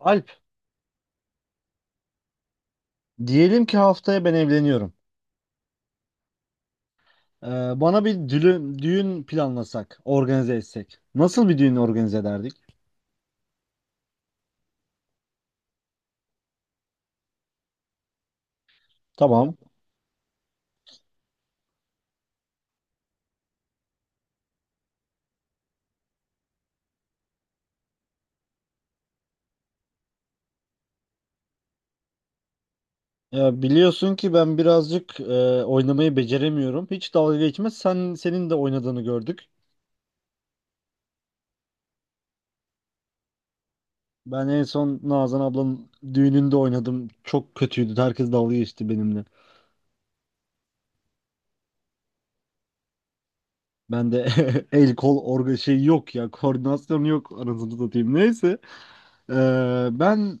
Alp, diyelim ki haftaya ben evleniyorum. Ee, Bana bir düğün planlasak, organize etsek. Nasıl bir düğün organize ederdik? Tamam. Ya biliyorsun ki ben birazcık oynamayı beceremiyorum. Hiç dalga geçmez. Senin de oynadığını gördük. Ben en son Nazan ablanın düğününde oynadım. Çok kötüydü. Herkes dalga geçti benimle. Ben de el kol orga şey yok ya. Koordinasyon yok anasını satayım. Neyse. Ben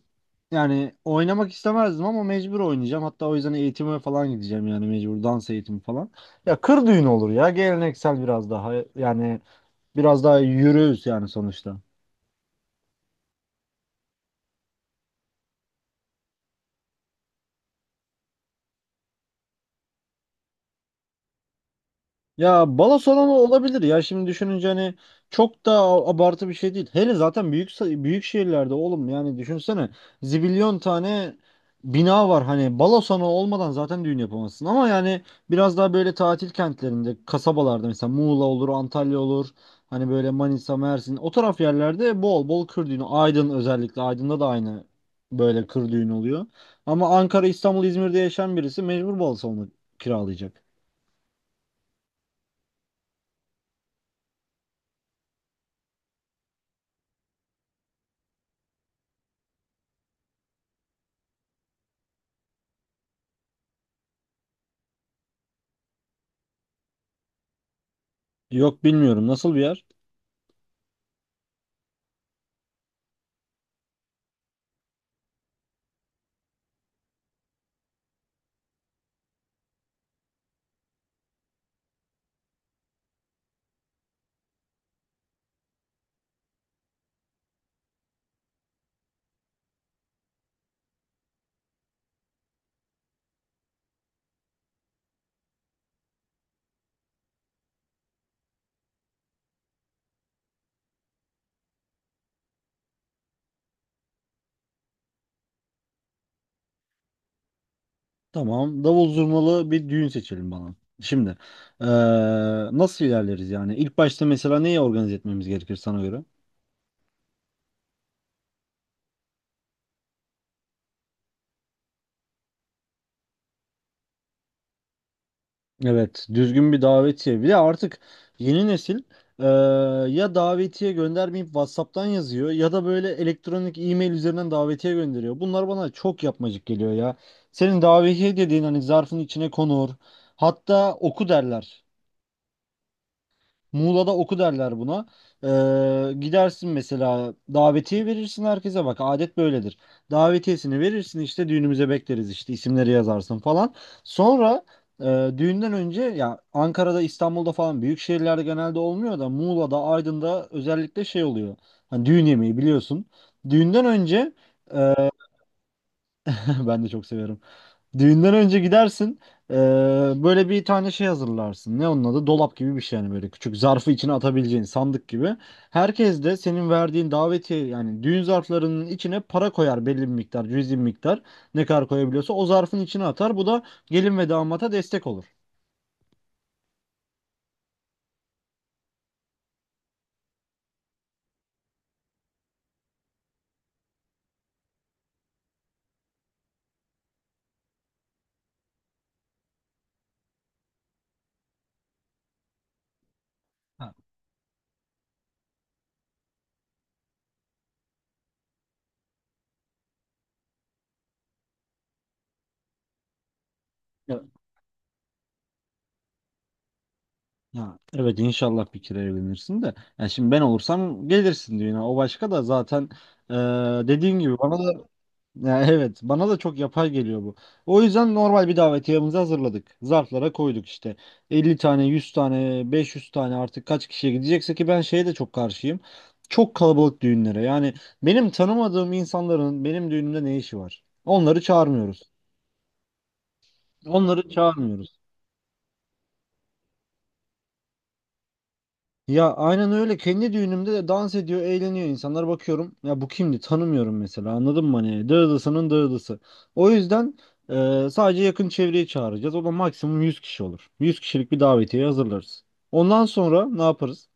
yani oynamak istemezdim ama mecbur oynayacağım. Hatta o yüzden eğitime falan gideceğim yani mecbur dans eğitimi falan. Ya kır düğünü olur ya geleneksel biraz daha yürüyüz yani sonuçta. Ya balo salonu olabilir ya şimdi düşününce hani çok da abartı bir şey değil. Hele zaten büyük şehirlerde oğlum yani düşünsene zibilyon tane bina var hani balo salonu olmadan zaten düğün yapamazsın. Ama yani biraz daha böyle tatil kentlerinde kasabalarda mesela Muğla olur Antalya olur hani böyle Manisa Mersin o taraf yerlerde bol bol kır düğünü, Aydın, özellikle Aydın'da da aynı böyle kır düğünü oluyor. Ama Ankara, İstanbul, İzmir'de yaşayan birisi mecbur balo salonu kiralayacak. Yok, bilmiyorum. Nasıl bir yer? Tamam. Davul zurnalı bir düğün seçelim bana. Şimdi eee, nasıl ilerleriz yani? İlk başta mesela neyi organize etmemiz gerekir sana göre? Evet, düzgün bir davetiye. Bir de artık yeni nesil, eee, ya davetiye göndermeyip WhatsApp'tan yazıyor ya da böyle elektronik e-mail üzerinden davetiye gönderiyor. Bunlar bana çok yapmacık geliyor ya. Senin davetiye dediğin hani zarfın içine konur. Hatta oku derler. Muğla'da oku derler buna. Gidersin mesela davetiye verirsin herkese, bak adet böyledir. Davetiyesini verirsin işte düğünümüze bekleriz işte isimleri yazarsın falan. Sonra düğünden önce ya Ankara'da İstanbul'da falan büyük şehirlerde genelde olmuyor da Muğla'da Aydın'da özellikle şey oluyor. Hani düğün yemeği biliyorsun. Düğünden önce ben de çok severim. Düğünden önce gidersin. eee, Böyle bir tane şey hazırlarsın. Ne onun adı? Dolap gibi bir şey yani böyle küçük zarfı içine atabileceğin sandık gibi. Herkes de senin verdiğin davetiye yani düğün zarflarının içine para koyar, belli bir miktar, cüzi bir miktar. Ne kadar koyabiliyorsa o zarfın içine atar. Bu da gelin ve damata destek olur. Ha. Ya-. Ha, evet inşallah bir kere evlenirsin de. Yani şimdi ben olursam gelirsin düğüne. O başka da zaten eee dediğin gibi bana da. Ya evet, bana da çok yapay geliyor bu. O yüzden normal bir davetiyemizi hazırladık. Zarflara koyduk işte. 50 tane, 100 tane, 500 tane artık kaç kişiye gidecekse. Ki ben şeye de çok karşıyım, çok kalabalık düğünlere. Yani benim tanımadığım insanların benim düğünümde ne işi var? Onları çağırmıyoruz. Onları çağırmıyoruz. Ya aynen öyle. Kendi düğünümde de dans ediyor, eğleniyor insanlar, bakıyorum. Ya bu kimdi? Tanımıyorum mesela. Anladın mı? Hani dağılısının dağılısı. O yüzden sadece yakın çevreyi çağıracağız. O da maksimum 100 kişi olur. 100 kişilik bir davetiye hazırlarız. Ondan sonra ne yaparız?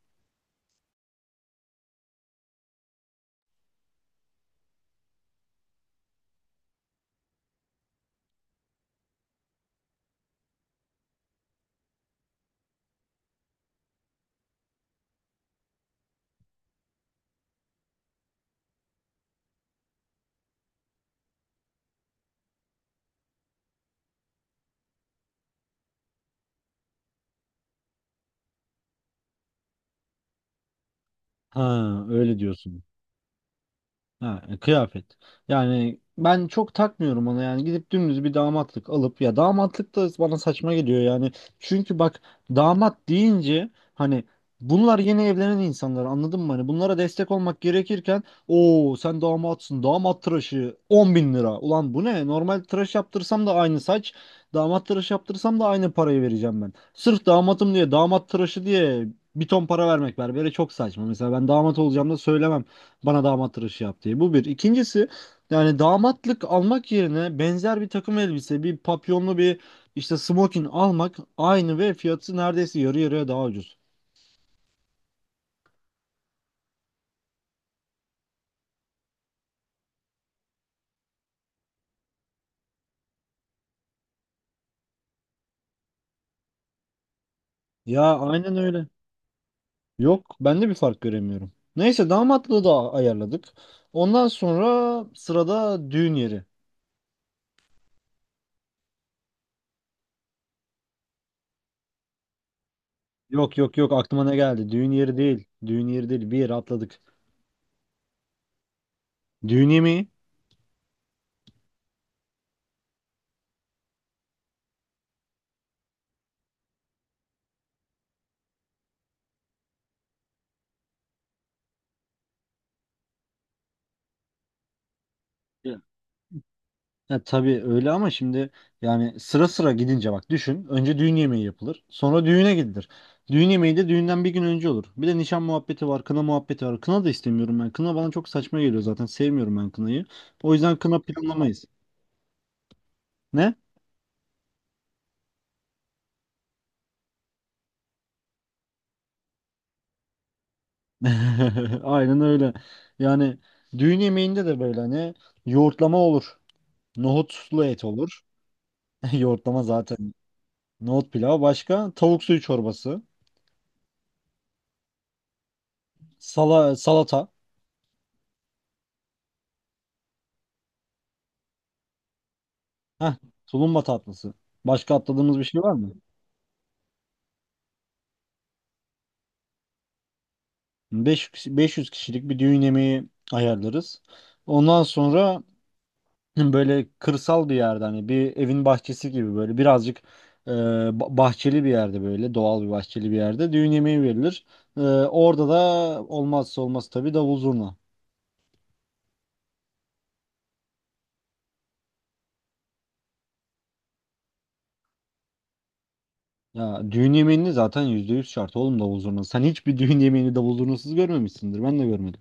Ha, öyle diyorsun. Ha, kıyafet. Yani ben çok takmıyorum ona, yani gidip dümdüz bir damatlık alıp, ya damatlık da bana saçma geliyor yani. Çünkü bak, damat deyince hani bunlar yeni evlenen insanlar, anladın mı? Hani bunlara destek olmak gerekirken, o sen damatsın damat tıraşı 10.000 lira. Ulan bu ne? Normal tıraş yaptırsam da aynı saç, damat tıraşı yaptırsam da aynı parayı vereceğim ben. Sırf damatım diye, damat tıraşı diye bir ton para vermek berbere çok saçma. Mesela ben damat olacağım da söylemem. Bana damat tıraşı yap diye. Bu bir. İkincisi, yani damatlık almak yerine benzer bir takım elbise, bir papyonlu bir işte smokin almak aynı ve fiyatı neredeyse yarı yarıya daha ucuz. Ya aynen öyle. Yok, ben de bir fark göremiyorum. Neyse, damatlığı da ayarladık. Ondan sonra sırada düğün yeri. Yok yok yok, aklıma ne geldi? Düğün yeri değil. Düğün yeri değil. Bir yeri atladık. Düğün yemeği. Ya tabii öyle, ama şimdi yani sıra sıra gidince bak düşün. Önce düğün yemeği yapılır. Sonra düğüne gidilir. Düğün yemeği de düğünden bir gün önce olur. Bir de nişan muhabbeti var, kına muhabbeti var. Kına da istemiyorum ben. Kına bana çok saçma geliyor zaten. Sevmiyorum ben kınayı. O yüzden kına planlamayız. Ne? Aynen öyle. Yani düğün yemeğinde de böyle hani yoğurtlama olur. Nohutlu et olur. Yoğurtlama zaten. Nohut pilavı başka. Tavuk suyu çorbası. Sala, salata. Heh, tulumba tatlısı. Başka atladığımız bir şey var mı? 5 500 kişilik bir düğün yemeği ayarlarız. Ondan sonra böyle kırsal bir yerde hani bir evin bahçesi gibi böyle birazcık bahçeli bir yerde, böyle doğal bir bahçeli bir yerde düğün yemeği verilir. E, orada da olmazsa olmaz tabii davul zurna. Ya düğün yemeğini zaten %100 şart oğlum davul zurna. Sen hiçbir düğün yemeğini davul zurnasız görmemişsindir. Ben de görmedim.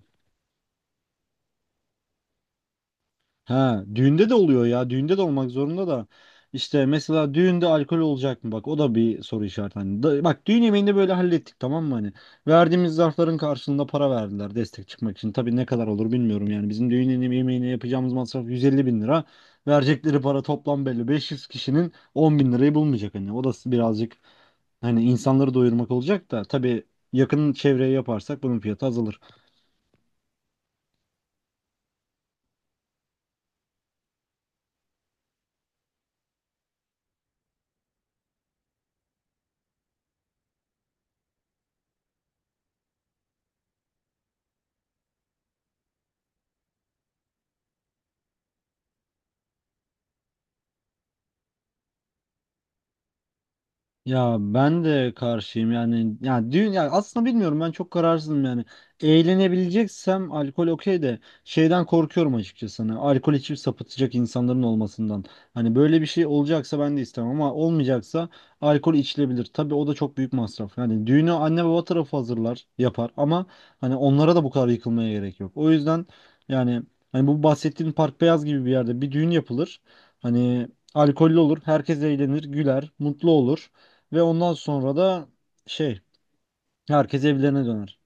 Ha, düğünde de oluyor ya. Düğünde de olmak zorunda da. İşte mesela düğünde alkol olacak mı? Bak o da bir soru işareti. Hani bak düğün yemeğinde böyle hallettik, tamam mı? Hani verdiğimiz zarfların karşılığında para verdiler destek çıkmak için. Tabii ne kadar olur bilmiyorum yani. Bizim düğün yemeğine yapacağımız masraf 150 bin lira. Verecekleri para toplam belli. 500 kişinin 10 bin lirayı bulmayacak hani. O da birazcık hani insanları doyurmak olacak da. Tabii yakın çevreye yaparsak bunun fiyatı azalır. Ya ben de karşıyım yani. Ya düğün, ya aslında bilmiyorum, ben çok kararsızım yani. Eğlenebileceksem alkol okey de, şeyden korkuyorum açıkçası. Hani alkol içip sapıtacak insanların olmasından. Hani böyle bir şey olacaksa ben de istemem, ama olmayacaksa alkol içilebilir. Tabii o da çok büyük masraf. Yani düğünü anne baba tarafı hazırlar, yapar, ama hani onlara da bu kadar yıkılmaya gerek yok. O yüzden yani hani bu bahsettiğin Park Beyaz gibi bir yerde bir düğün yapılır. Hani alkollü olur, herkes eğlenir, güler, mutlu olur. Ve ondan sonra da şey, herkes evlerine döner.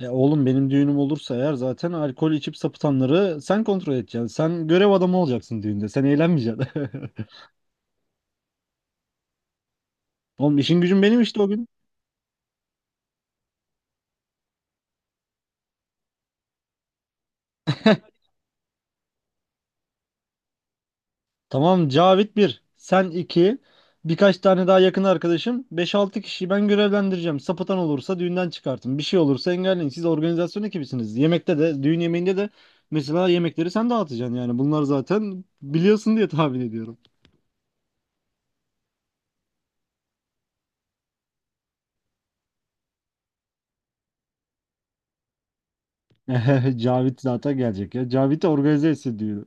E oğlum, benim düğünüm olursa eğer zaten alkol içip sapıtanları sen kontrol edeceksin. Sen görev adamı olacaksın düğünde. Sen eğlenmeyeceksin. Oğlum, işin gücün benim işte o gün. Tamam, Cavit bir, sen iki, birkaç tane daha yakın arkadaşım, beş altı kişiyi ben görevlendireceğim. Sapıtan olursa düğünden çıkartın. Bir şey olursa engelleyin. Siz organizasyon ekibisiniz. Yemekte de, düğün yemeğinde de mesela yemekleri sen dağıtacaksın yani. Bunlar zaten biliyorsun diye tahmin ediyorum. Cavit zaten gelecek ya. Cavit'i organize etsin diyor.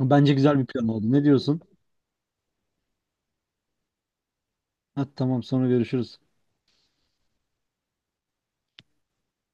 Bence güzel bir plan oldu. Ne diyorsun? Ha, tamam, sonra görüşürüz.